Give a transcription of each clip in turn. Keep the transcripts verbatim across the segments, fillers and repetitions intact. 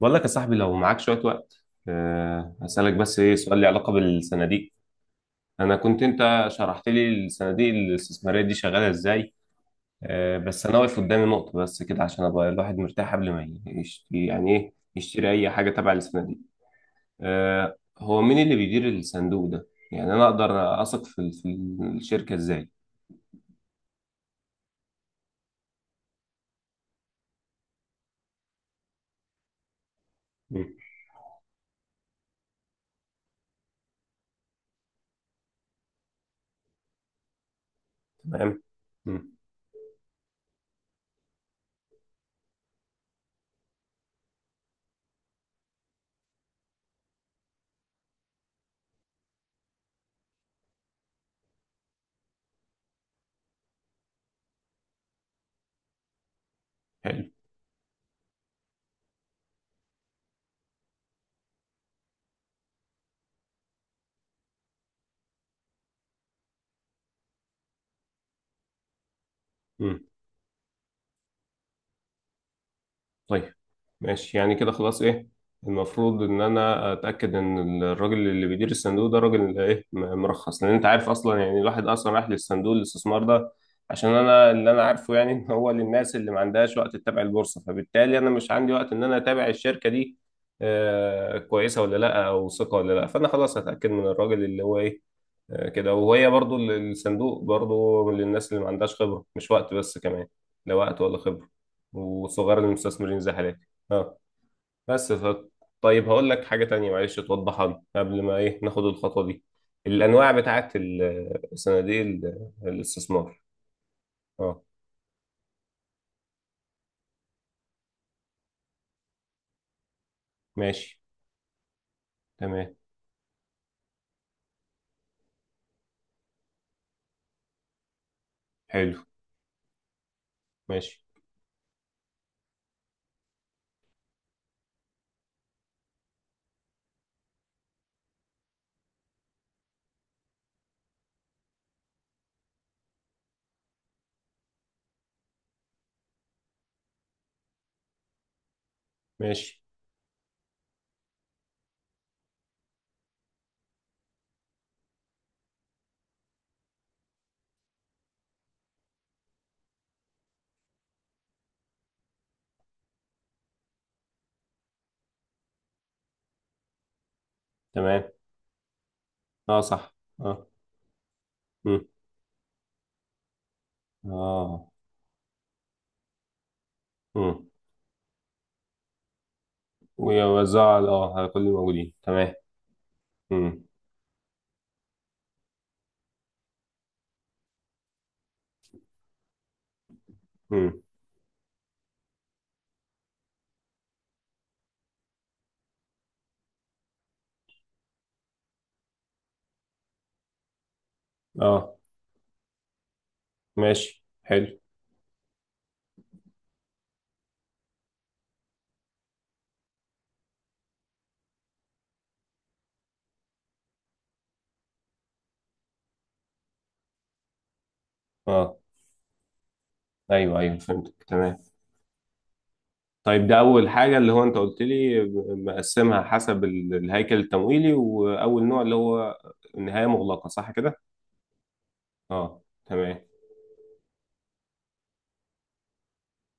بقول لك يا صاحبي لو معاك شوية وقت. أه هسألك بس إيه سؤال لي علاقة بالصناديق. أنا كنت أنت شرحت لي الصناديق الاستثمارية دي شغالة إزاي. أه بس أنا واقف قدامي نقطة بس كده عشان أبقى الواحد مرتاح قبل ما يشتري، يعني إيه يشتري أي حاجة تبع الصناديق. أه هو مين اللي بيدير الصندوق ده؟ يعني أنا أقدر أثق في, ال- في الشركة إزاي؟ مم. تمام. مم. حلو. مم. طيب، ماشي، يعني كده خلاص، ايه المفروض ان انا اتاكد ان الراجل اللي بيدير الصندوق ده راجل ايه م- مرخص، لان انت عارف اصلا، يعني الواحد اصلا راح للصندوق الاستثمار ده عشان انا اللي انا عارفه، يعني ان هو للناس اللي ما عندهاش وقت تتابع البورصه، فبالتالي انا مش عندي وقت ان انا اتابع الشركه دي آه كويسه ولا لا او ثقه ولا لا، فانا خلاص هتاكد من الراجل اللي هو ايه آه، كده. وهي برضو ال- الصندوق برضو للناس اللي ما عندهاش خبرة، مش وقت بس، كمان لا وقت ولا خبرة، وصغار المستثمرين زي حالاتي. اه بس ف... طيب هقول لك حاجة تانية، معلش توضحها لي قبل ما ايه ناخد الخطوة دي. الأنواع بتاعت ال- صناديق ال- الاستثمار. اه. ماشي. تمام. حلو. ماشي. ماشي. تمام. اه صح. اه. مم. اه. مم. ويوزعها على- اه على كل الموجودين، تمام. مم. مم. اه ماشي. حلو. اه ايوه، ايوه فهمتك، تمام. طيب ده اول حاجه اللي هو انت قلت لي، مقسمها حسب ال- الهيكل التمويلي، واول نوع اللي هو النهايه مغلقه، صح كده. اه تمام.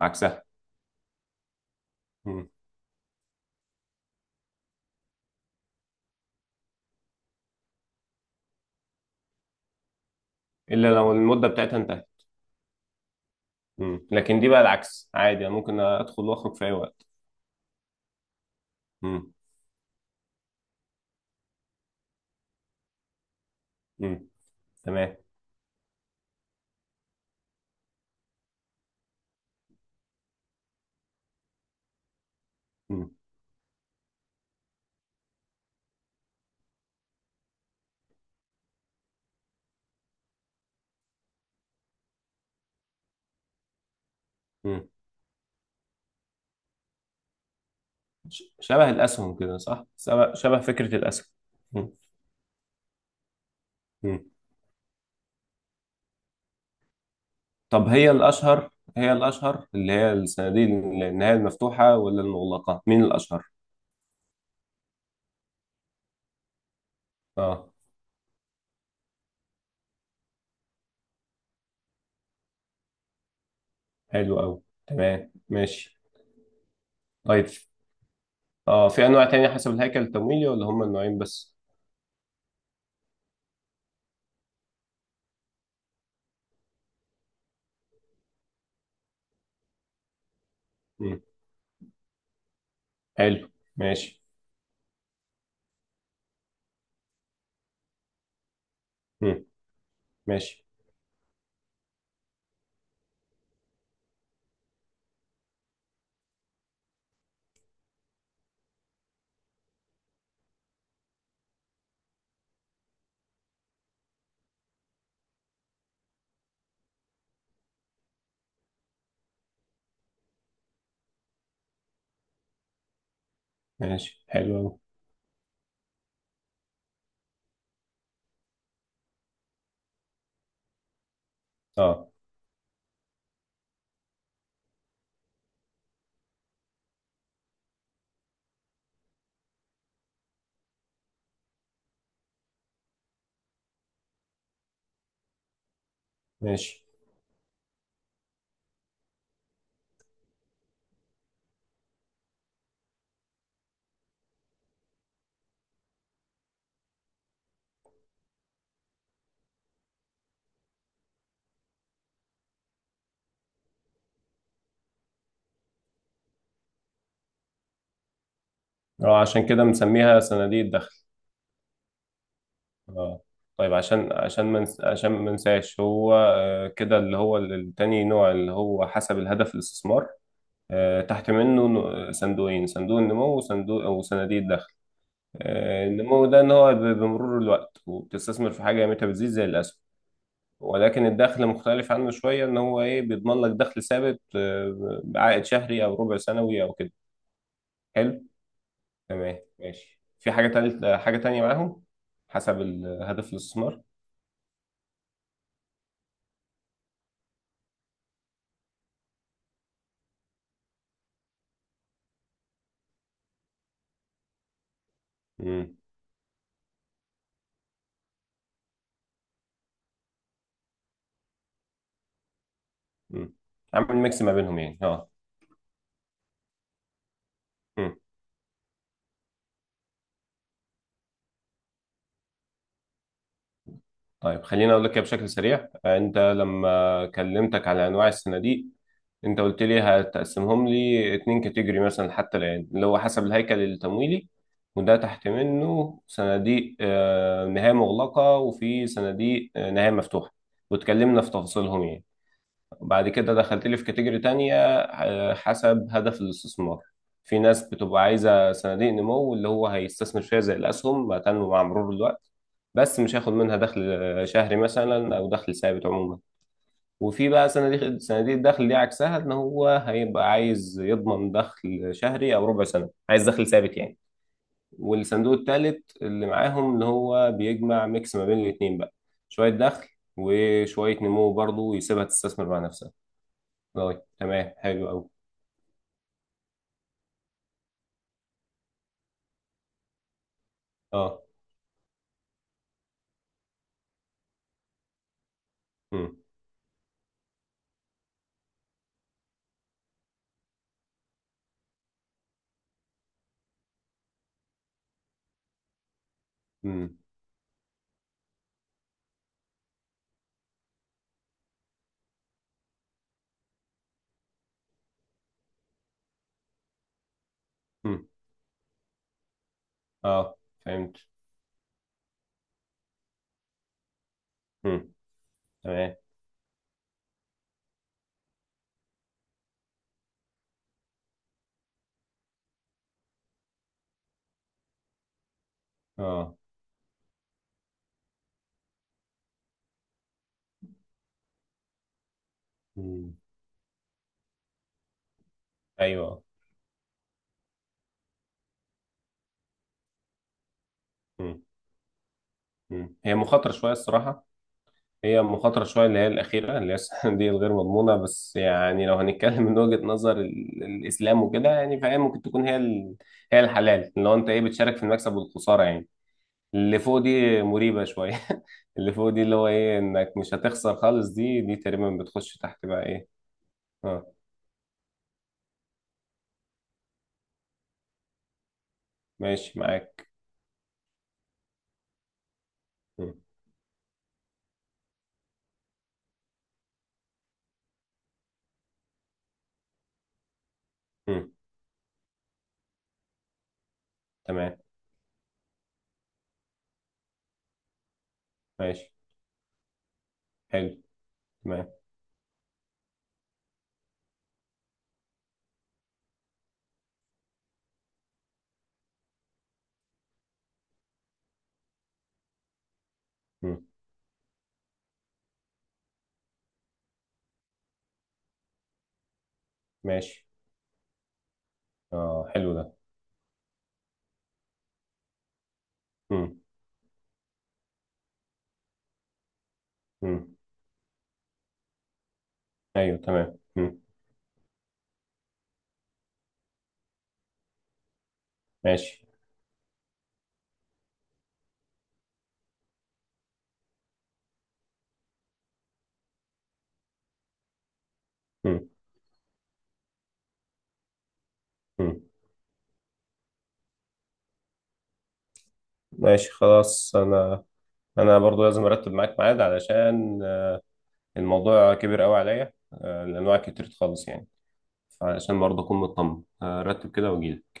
عكسها. مم. الا لو المده بتاعتها انتهت. مم. لكن دي بقى العكس عادي، أنا ممكن ادخل واخرج في اي وقت. مم. مم. تمام. مم. مم. ش- شبه الاسهم كده، صح، شبه شبه فكره الاسهم. مم. مم. طب هي الأشهر، هي الأشهر اللي هي الصناديق اللي هي المفتوحة ولا المغلقة؟ مين الأشهر؟ اه. حلو أوي. تمام ماشي. طيب اه في أنواع تانية حسب الهيكل التمويلي ولا هما النوعين بس؟ مم. حلو ماشي. مم. ماشي. ماشي. حلو أوي. اه ماشي. اه عشان كده بنسميها صناديق الدخل. اه طيب، عشان عشان ما منس... عشان ما ننساش هو آه، كده، اللي هو التاني نوع اللي هو حسب الهدف الاستثمار. آه، تحت منه ن- صندوقين: صندوق النمو، وصندوق او صناديق الدخل. آه، النمو ده ان هو ب- بمرور الوقت، وبتستثمر في حاجه قيمتها بتزيد زي الاسهم. ولكن الدخل مختلف عنه شويه، ان هو ايه بيضمن لك دخل ثابت آه، بعائد شهري او ربع سنوي او كده. حلو. تمام، ماشي، في حاجه تالت حاجه تانية معاهم حسب ال- هدف الاستثمار. امم. امم. عامل ميكس ما بينهم، يعني اه. مم. طيب خليني اقول لك كده بشكل سريع، آه، انت لما كلمتك على انواع الصناديق، انت قلت لي هتقسمهم لي اتنين كاتيجوري مثلا حتى الآن، اللي هو حسب الهيكل التمويلي، وده تحت منه صناديق آه، نهاية مغلقة، وفي صناديق آه، نهاية مفتوحة، واتكلمنا في تفاصيلهم يعني. وبعد كده دخلت لي في كاتيجوري تانية، آه، حسب هدف الاستثمار. في ناس بتبقى عايزة صناديق نمو، اللي هو هيستثمر فيها زي الأسهم، هتنمو مع مرور الوقت، بس مش هياخد منها دخل آه، شهري مثلا أو دخل ثابت عموما. وفي بقى صناديق صناديق الدخل، دي عكسها ان هو هيبقى عايز يضمن دخل شهري او ربع سنه، عايز دخل ثابت يعني. والصندوق الثالث اللي معاهم اللي هو بيجمع ميكس ما بين الاثنين بقى، شويه دخل وشويه نمو برضه، ويسيبها تستثمر مع نفسها. طيب، تمام، حلو قوي. اه. امم. امم. امم. اه فهمت. امم. تمام. اه. امم. ايوه. امم. امم. هي مخاطره شويه الصراحه. هي مخاطرة شوية اللي هي الأخيرة اللي هي السنة دي الغير مضمونة، بس يعني لو هنتكلم من وجهة نظر ال- الإسلام وكده، يعني فهي ممكن تكون هي ال... هي الحلال، اللي هو أنت إيه بتشارك في المكسب والخسارة يعني. اللي فوق دي مريبة شوية اللي فوق دي اللي هو إيه إنك مش هتخسر خالص، دي دي تقريبا بتخش تحت بقى إيه. أه ماشي معاك. مم. مم. تمام. ماشي. حلو. تمام. مم. ماشي. أه حلو ده. مم. مم. أيوه تمام. مم. ماشي. مم. مم. ماشي خلاص، أنا انا برضو لازم ارتب معاك ميعاد علشان الموضوع كبير قوي عليا، آه، الانواع كتير خالص يعني. فعشان برضو اكون مطمن، آه، ارتب كده واجيلك.